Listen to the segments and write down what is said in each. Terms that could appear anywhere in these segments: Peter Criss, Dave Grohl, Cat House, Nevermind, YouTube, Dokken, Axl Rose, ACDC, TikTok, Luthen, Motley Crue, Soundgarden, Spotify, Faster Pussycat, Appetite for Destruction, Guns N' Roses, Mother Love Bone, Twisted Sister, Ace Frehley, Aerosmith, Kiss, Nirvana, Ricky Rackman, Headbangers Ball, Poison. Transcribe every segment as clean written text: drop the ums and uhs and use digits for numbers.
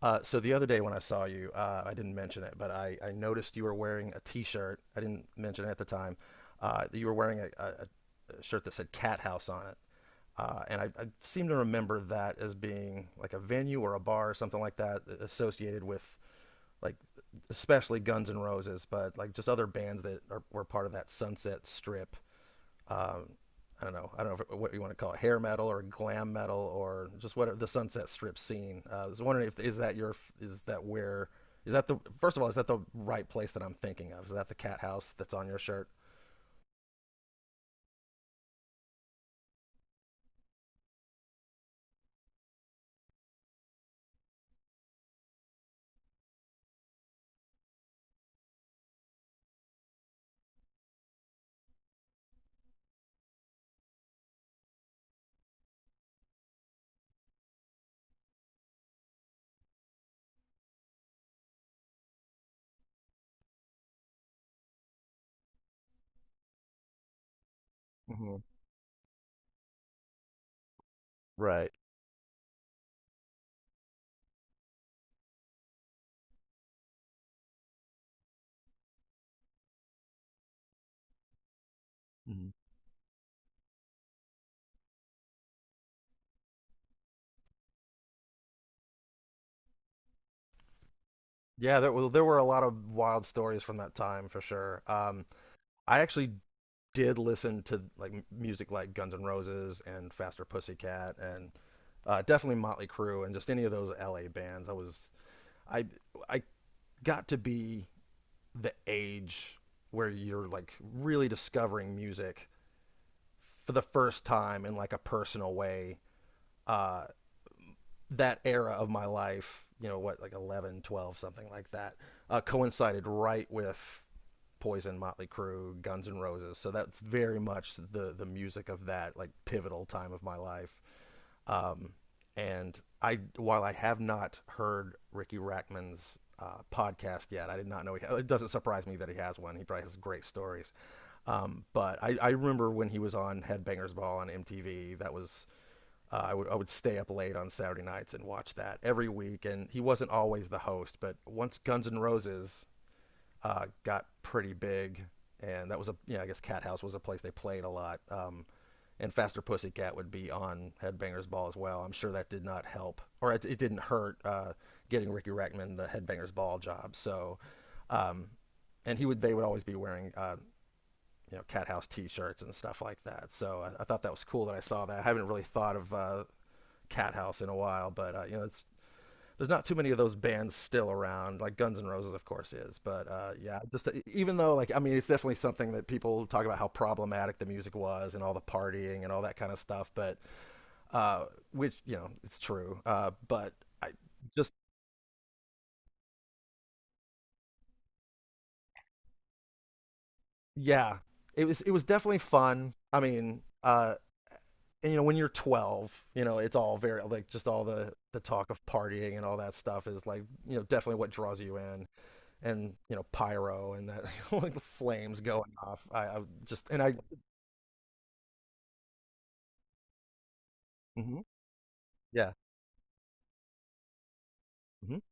So the other day when I saw you, I didn't mention it, but I noticed you were wearing a T-shirt. I didn't mention it at the time. You were wearing a shirt that said Cat House on it, and I seem to remember that as being like a venue or a bar or something like that associated with like especially Guns N' Roses, but like just other bands were part of that Sunset Strip. um, I don't know. I don't know if, what you want to call it, hair metal or glam metal or just what the Sunset Strip scene. I was wondering if is that your is that where is that the first of all, is that the right place that I'm thinking of? Is that the cat house that's on your shirt? Mm-hmm. Right. Mm-hmm. Yeah, there were a lot of wild stories from that time for sure. I actually did listen to like music like Guns N' Roses and Faster Pussycat and definitely Motley Crue and just any of those LA bands. I was I I got to be the age where you're like really discovering music for the first time in like a personal way. That era of my life, you know, what like 11, 12, something like that, coincided right with Poison, Motley Crue, Guns N' Roses. So that's very much the music of that like pivotal time of my life. Um, and I, while I have not heard Ricky Rackman's podcast yet, I did not know he. Had, It doesn't surprise me that he has one. He probably has great stories. But I remember when he was on Headbangers Ball on MTV. That was I would stay up late on Saturday nights and watch that every week. And he wasn't always the host, but once Guns N' Roses got pretty big, and that was a yeah. I guess Cat House was a place they played a lot. And Faster Pussycat would be on Headbangers Ball as well. I'm sure that did not help, or it didn't hurt getting Ricky Rackman the Headbangers Ball job. So, um, and he would they would always be wearing you know, Cat House T-shirts and stuff like that. So I thought that was cool that I saw that. I haven't really thought of Cat House in a while, but you know, it's there's not too many of those bands still around. Like Guns N' Roses, of course, is, but yeah, just even though like I mean, it's definitely something that people talk about, how problematic the music was and all the partying and all that kind of stuff. But uh, which you know, it's true. But I just Yeah, it was definitely fun. I mean, and you know, when you're 12, you know, it's all very like just all the talk of partying and all that stuff is like you know definitely what draws you in. And you know, pyro and that like flames going off. I just and I Mhm, yeah. Hmm.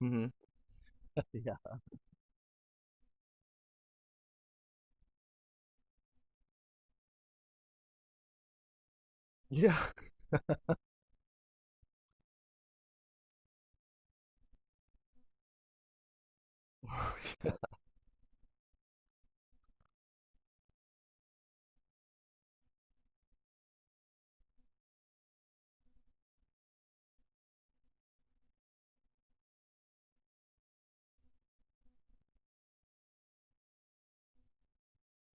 Hmm. Yeah. Yeah.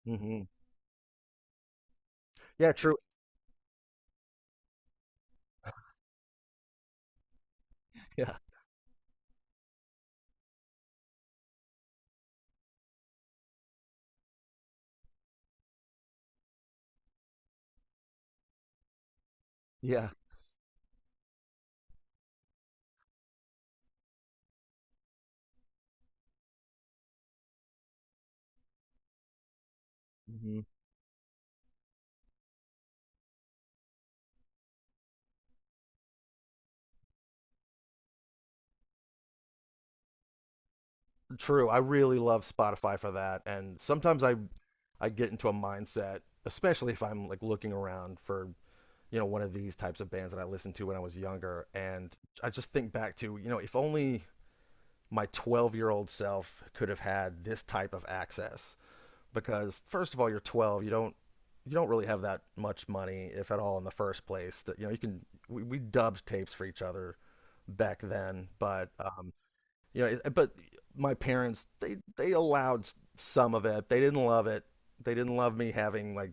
Hmm. Yeah, true. Yeah, yeah. Hmm. True. I really love Spotify for that, and sometimes I get into a mindset, especially if I'm like looking around for you know one of these types of bands that I listened to when I was younger, and I just think back to you know if only my 12-year-old self could have had this type of access, because first of all, you're 12. You don't really have that much money, if at all, in the first place. That you know, you can we dubbed tapes for each other back then, but you know, it- but my parents, they allowed some of it. They didn't love it. They didn't love me having like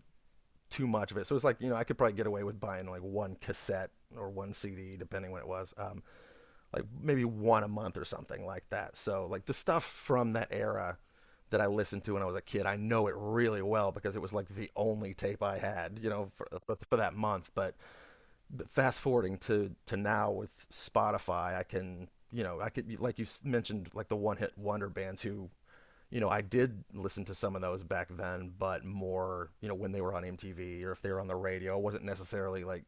too much of it. So it's like you know, I could probably get away with buying like one cassette or one CD, depending when it was. Like maybe one a month or something like that. So like the stuff from that era that I listened to when I was a kid, I know it really well because it was like the only tape I had, you know, for that month. But fast forwarding to now with Spotify, I can, you know, I could, like you mentioned, like the one hit wonder bands who you know, I did listen to some of those back then, but more, you know, when they were on MTV or if they were on the radio, I wasn't necessarily like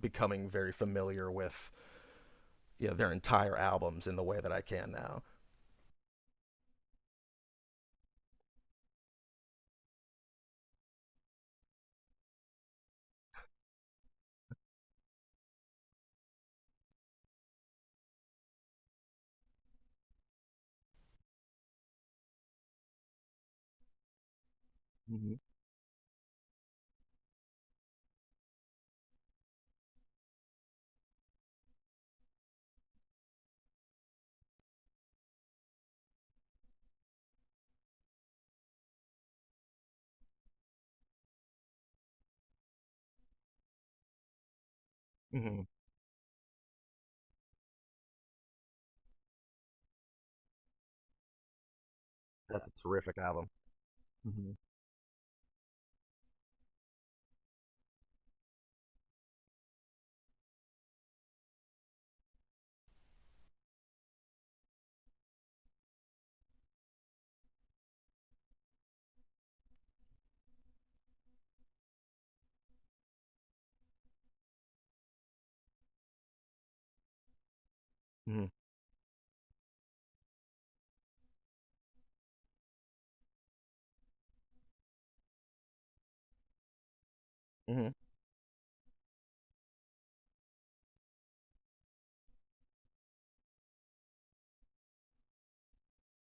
becoming very familiar with you know, their entire albums in the way that I can now. Mm-hmm. Mm-hmm. That's a terrific album. Mm-hmm. Mm-hmm. Mm-hmm.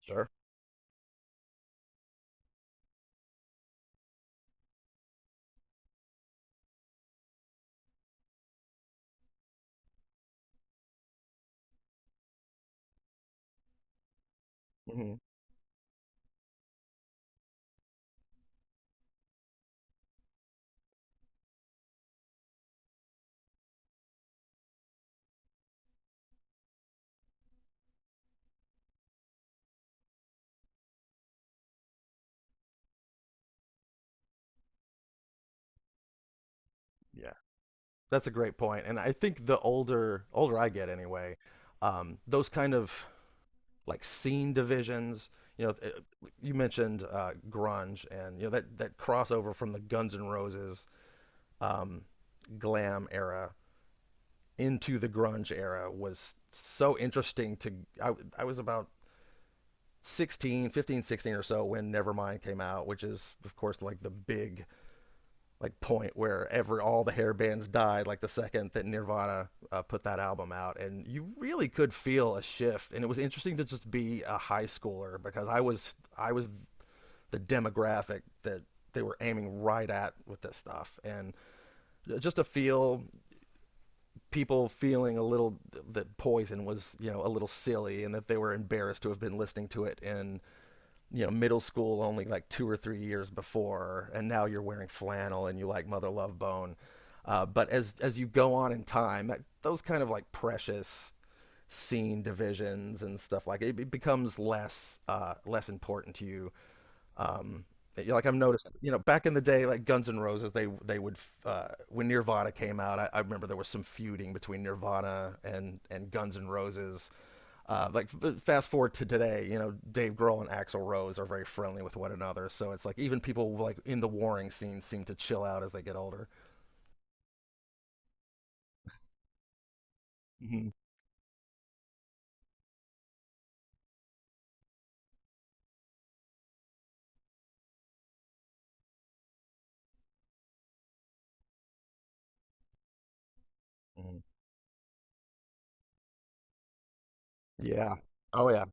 Sure. Mm-hmm. Yeah, that's a great point. And I think the older I get, anyway, those kind of like scene divisions. You know, you mentioned grunge, and you know that crossover from the Guns N' Roses um, glam era into the grunge era was so interesting. I, I was about 16, 15, 16 or so when Nevermind came out, which is of course like the big like point where every all the hair bands died like the second that Nirvana put that album out, and you really could feel a shift. And it was interesting to just be a high schooler, because I was the demographic that they were aiming right at with this stuff, and just to feel people feeling a little that Poison was you know a little silly and that they were embarrassed to have been listening to it in you know middle school only like 2 or 3 years before, and now you're wearing flannel and you like Mother Love Bone. But as you go on in time, that, those kind of like precious scene divisions and stuff like it becomes less less important to you. um, like I've noticed, you know, back in the day, like Guns N' Roses, they would when Nirvana came out, I remember there was some feuding between Nirvana and Guns N' Roses. Uh, like Fast forward to today, you know, Dave Grohl and Axl Rose are very friendly with one another, so it's like even people like in the warring scene seem to chill out as they get older. Hmm. Hmm. Yeah. Oh yeah.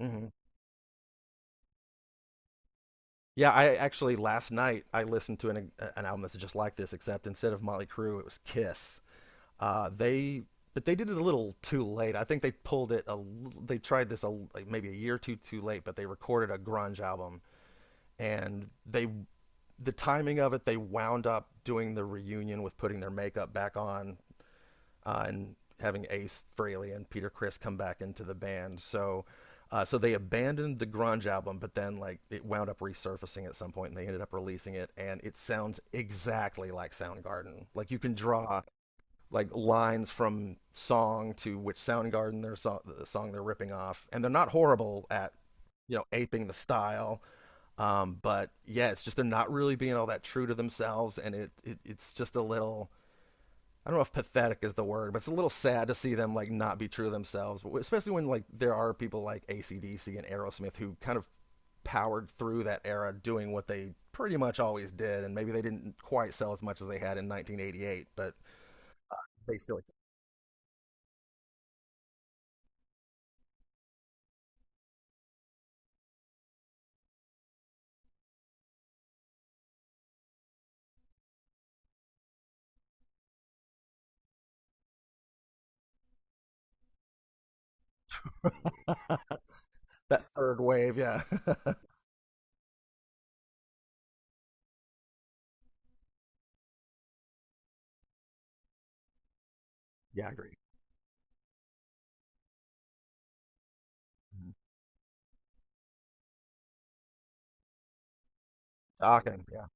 Hmm. Yeah, I actually last night I listened to an album that's just like this, except instead of Motley Crue, it was Kiss. Uh, they they did it a little too late. I think they pulled it. A, l- they tried this a, Like maybe a year or two too late, but they recorded a grunge album, and they, the timing of it, they wound up doing the reunion with putting their makeup back on and having Ace Frehley and Peter Criss come back into the band. So, they abandoned the grunge album, but then like it wound up resurfacing at some point, and they ended up releasing it, and it sounds exactly like Soundgarden. Like you can draw like lines from song to which Soundgarden the song they're ripping off, and they're not horrible at you know aping the style. But yeah, it's just they're not really being all that true to themselves, and it's just a little. I don't know if pathetic is the word, but it's a little sad to see them like not be true to themselves, especially when like there are people like AC/DC and Aerosmith who kind of powered through that era doing what they pretty much always did, and maybe they didn't quite sell as much as they had in 1988, but they still that third wave. Yeah, yeah, I agree. Mhm. Dokken. Yeah.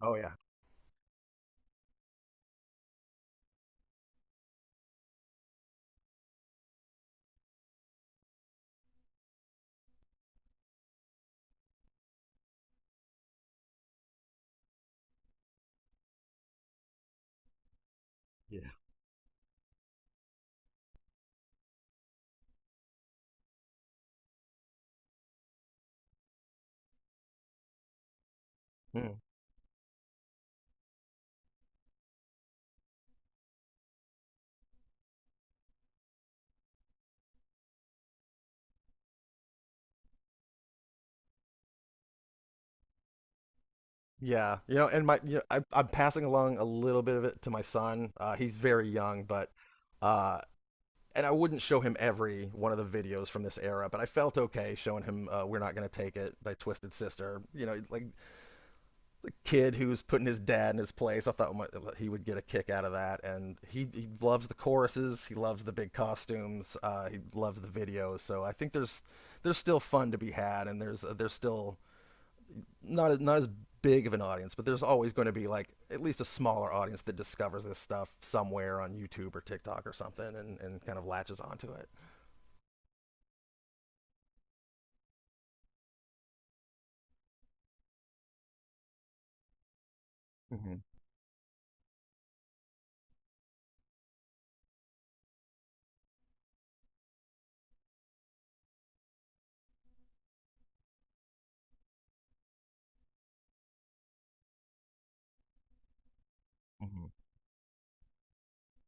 Oh yeah. Yeah. Mm. Yeah. You know, and my you know, I'm passing along a little bit of it to my son. He's very young, but uh, and I wouldn't show him every one of the videos from this era, but I felt okay showing him "We're Not Gonna Take It" by Twisted Sister. You know, like the kid who was putting his dad in his place. I thought he would get a kick out of that, and he loves the choruses. He loves the big costumes. He loves the videos. So I think there's still fun to be had, and there's still not as big of an audience, but there's always going to be like at least a smaller audience that discovers this stuff somewhere on YouTube or TikTok or something, and kind of latches onto it. Mm-hmm. Mm-hmm.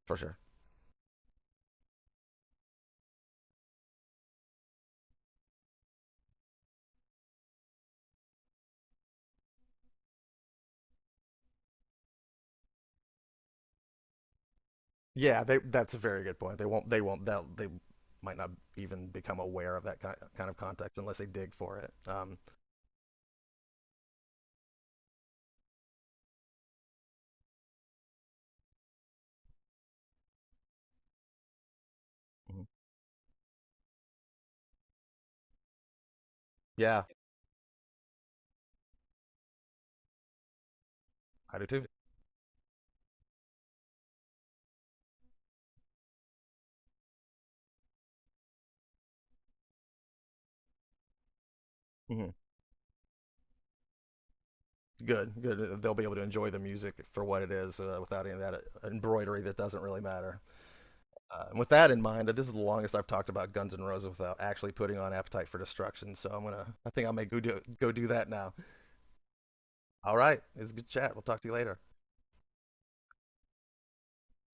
For sure. Yeah, they, that's a very good point. They won't. They won't. They might not even become aware of that kind of context unless they dig for it. Mhm. Yeah, I do too. Hmm. Good, good. They'll be able to enjoy the music for what it is without any of that embroidery that doesn't really matter. And with that in mind, this is the longest I've talked about Guns N' Roses without actually putting on Appetite for Destruction. So I'm gonna. I think I may go do that now. All right, it's a good chat. We'll talk to you later.